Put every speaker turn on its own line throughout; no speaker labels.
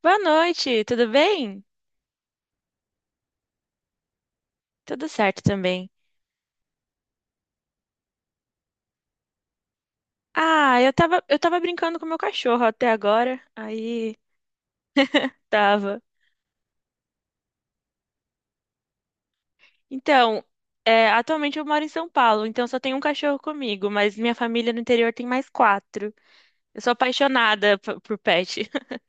Boa noite, tudo bem? Tudo certo também. Ah, eu tava brincando com meu cachorro até agora. Aí, tava. Então, atualmente eu moro em São Paulo, então só tem um cachorro comigo, mas minha família no interior tem mais quatro. Eu sou apaixonada por pet.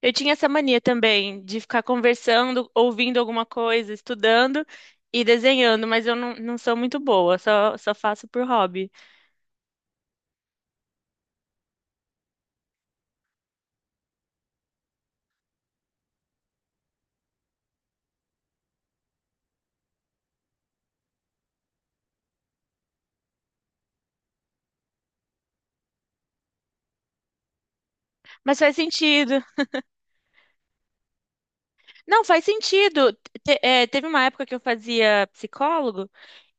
Eu tinha essa mania também de ficar conversando, ouvindo alguma coisa, estudando e desenhando, mas eu não sou muito boa, só faço por hobby. Mas faz sentido. Não, faz sentido. Teve uma época que eu fazia psicólogo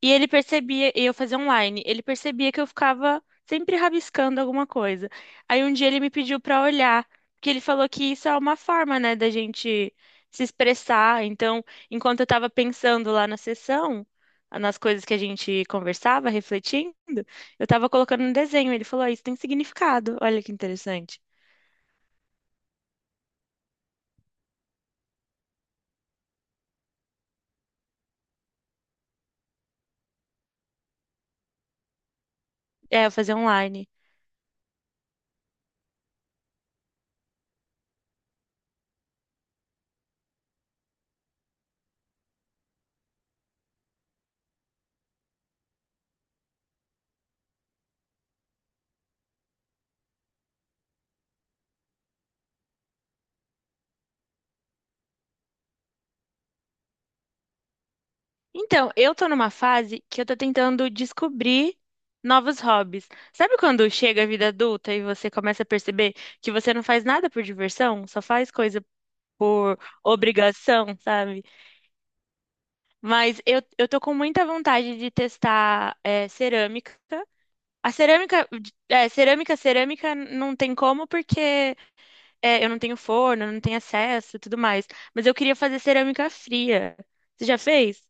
e ele percebia, e eu fazia online, ele percebia que eu ficava sempre rabiscando alguma coisa. Aí um dia ele me pediu pra olhar, porque ele falou que isso é uma forma, né, da gente se expressar. Então, enquanto eu tava pensando lá na sessão, nas coisas que a gente conversava, refletindo, eu tava colocando um desenho. Ele falou, "Ah, isso tem significado. Olha que interessante." É, eu fazia online. Então, eu tô numa fase que eu tô tentando descobrir novos hobbies. Sabe quando chega a vida adulta e você começa a perceber que você não faz nada por diversão, só faz coisa por obrigação, sabe? Mas eu tô com muita vontade de testar cerâmica. A cerâmica, cerâmica não tem como porque eu não tenho forno, não tenho acesso e tudo mais. Mas eu queria fazer cerâmica fria. Você já fez?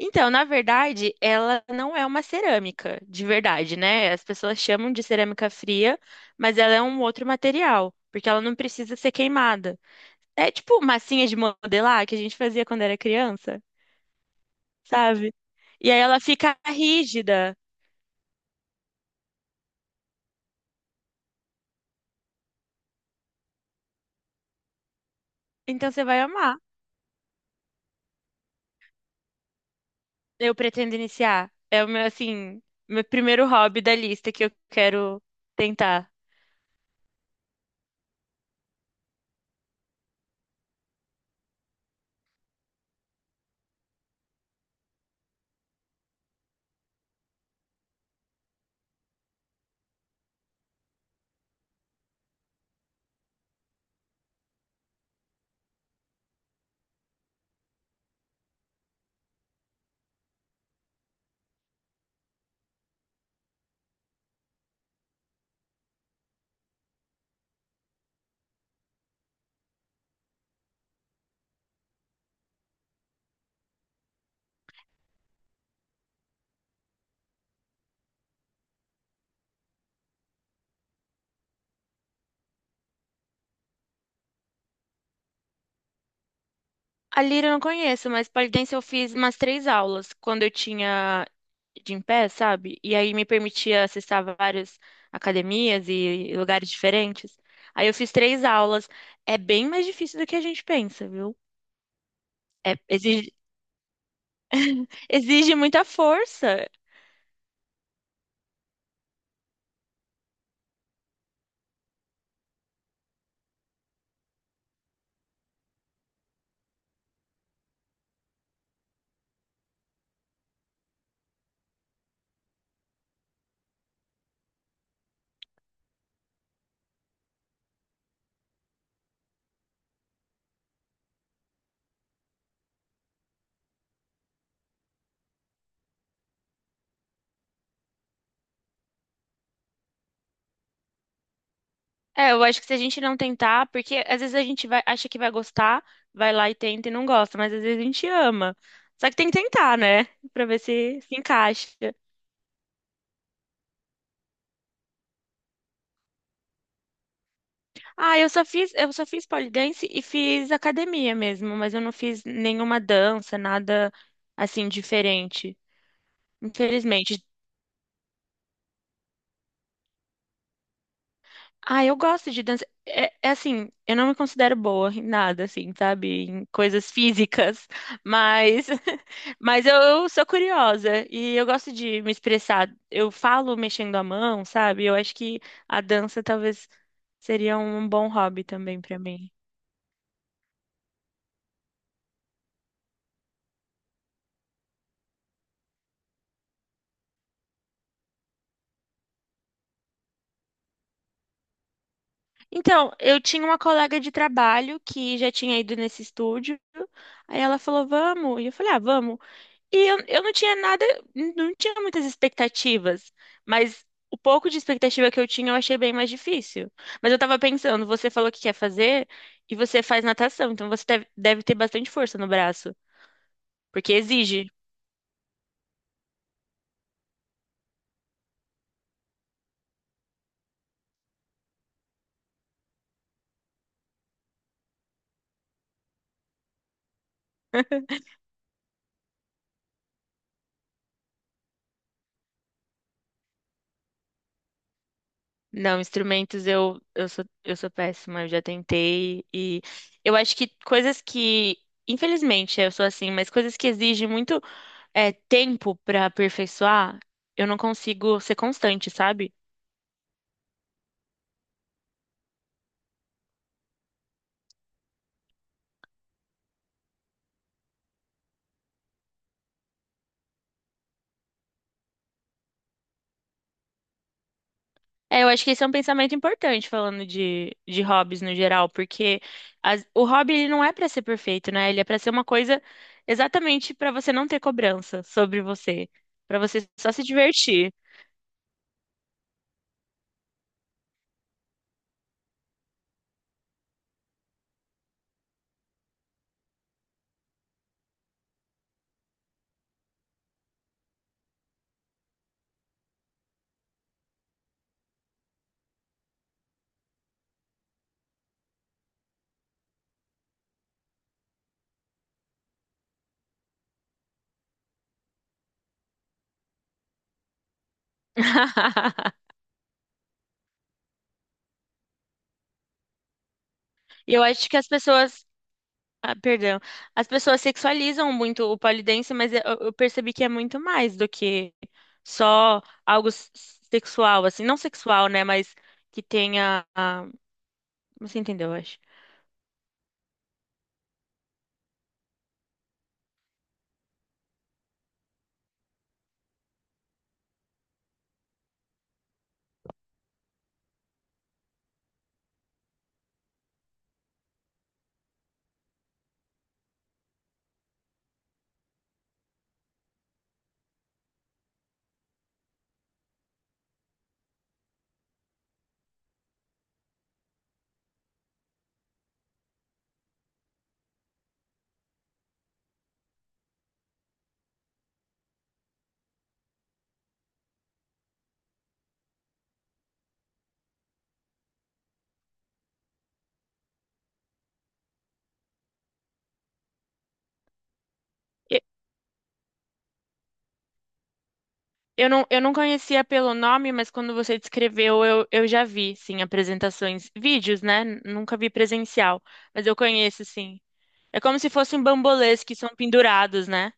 Então, na verdade, ela não é uma cerâmica de verdade, né? As pessoas chamam de cerâmica fria, mas ela é um outro material, porque ela não precisa ser queimada. É tipo massinha de modelar que a gente fazia quando era criança, sabe? E aí ela fica rígida. Então você vai amar. Eu pretendo iniciar. É o meu, assim, meu primeiro hobby da lista que eu quero tentar. A lira eu não conheço, mas pole dance eu fiz umas três aulas quando eu tinha de em pé, sabe? E aí me permitia acessar várias academias e lugares diferentes. Aí eu fiz três aulas. É bem mais difícil do que a gente pensa, viu? É, exige, exige muita força. É, eu acho que se a gente não tentar, porque às vezes a gente vai, acha que vai gostar, vai lá e tenta e não gosta, mas às vezes a gente ama. Só que tem que tentar, né? Pra ver se se encaixa. Ah, eu só fiz pole dance e fiz academia mesmo, mas eu não fiz nenhuma dança, nada assim diferente, infelizmente. Ah, eu gosto de dança. É, é assim, eu não me considero boa em nada, assim, sabe, em coisas físicas, mas, mas eu sou curiosa e eu gosto de me expressar. Eu falo mexendo a mão, sabe? Eu acho que a dança talvez seria um bom hobby também pra mim. Então, eu tinha uma colega de trabalho que já tinha ido nesse estúdio. Aí ela falou, vamos. E eu falei, ah, vamos. E eu não tinha nada, não tinha muitas expectativas. Mas o pouco de expectativa que eu tinha, eu achei bem mais difícil. Mas eu tava pensando, você falou que quer fazer e você faz natação. Então você deve ter bastante força no braço, porque exige. Não, instrumentos eu sou péssima, eu já tentei e eu acho que coisas que, infelizmente, eu sou assim, mas coisas que exigem muito tempo pra aperfeiçoar, eu não consigo ser constante, sabe? É, eu acho que esse é um pensamento importante falando de hobbies no geral, porque o hobby ele não é pra ser perfeito, né? Ele é pra ser uma coisa exatamente pra você não ter cobrança sobre você, pra você só se divertir. E eu acho que as pessoas, ah, perdão. As pessoas sexualizam muito o pole dance, mas eu percebi que é muito mais do que só algo sexual, assim, não sexual, né, mas que tenha, ah, você entendeu, eu acho. E- eu não conhecia pelo nome, mas quando você descreveu, eu já vi, sim, apresentações, vídeos, né? Nunca vi presencial, mas eu conheço, sim. É como se fossem bambolês que são pendurados, né?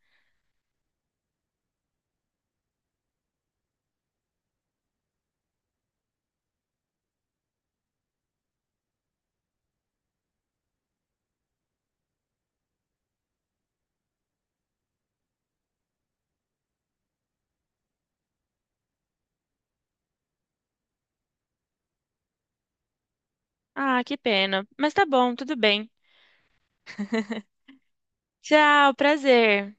Ah, que pena. Mas tá bom, tudo bem. Tchau, prazer.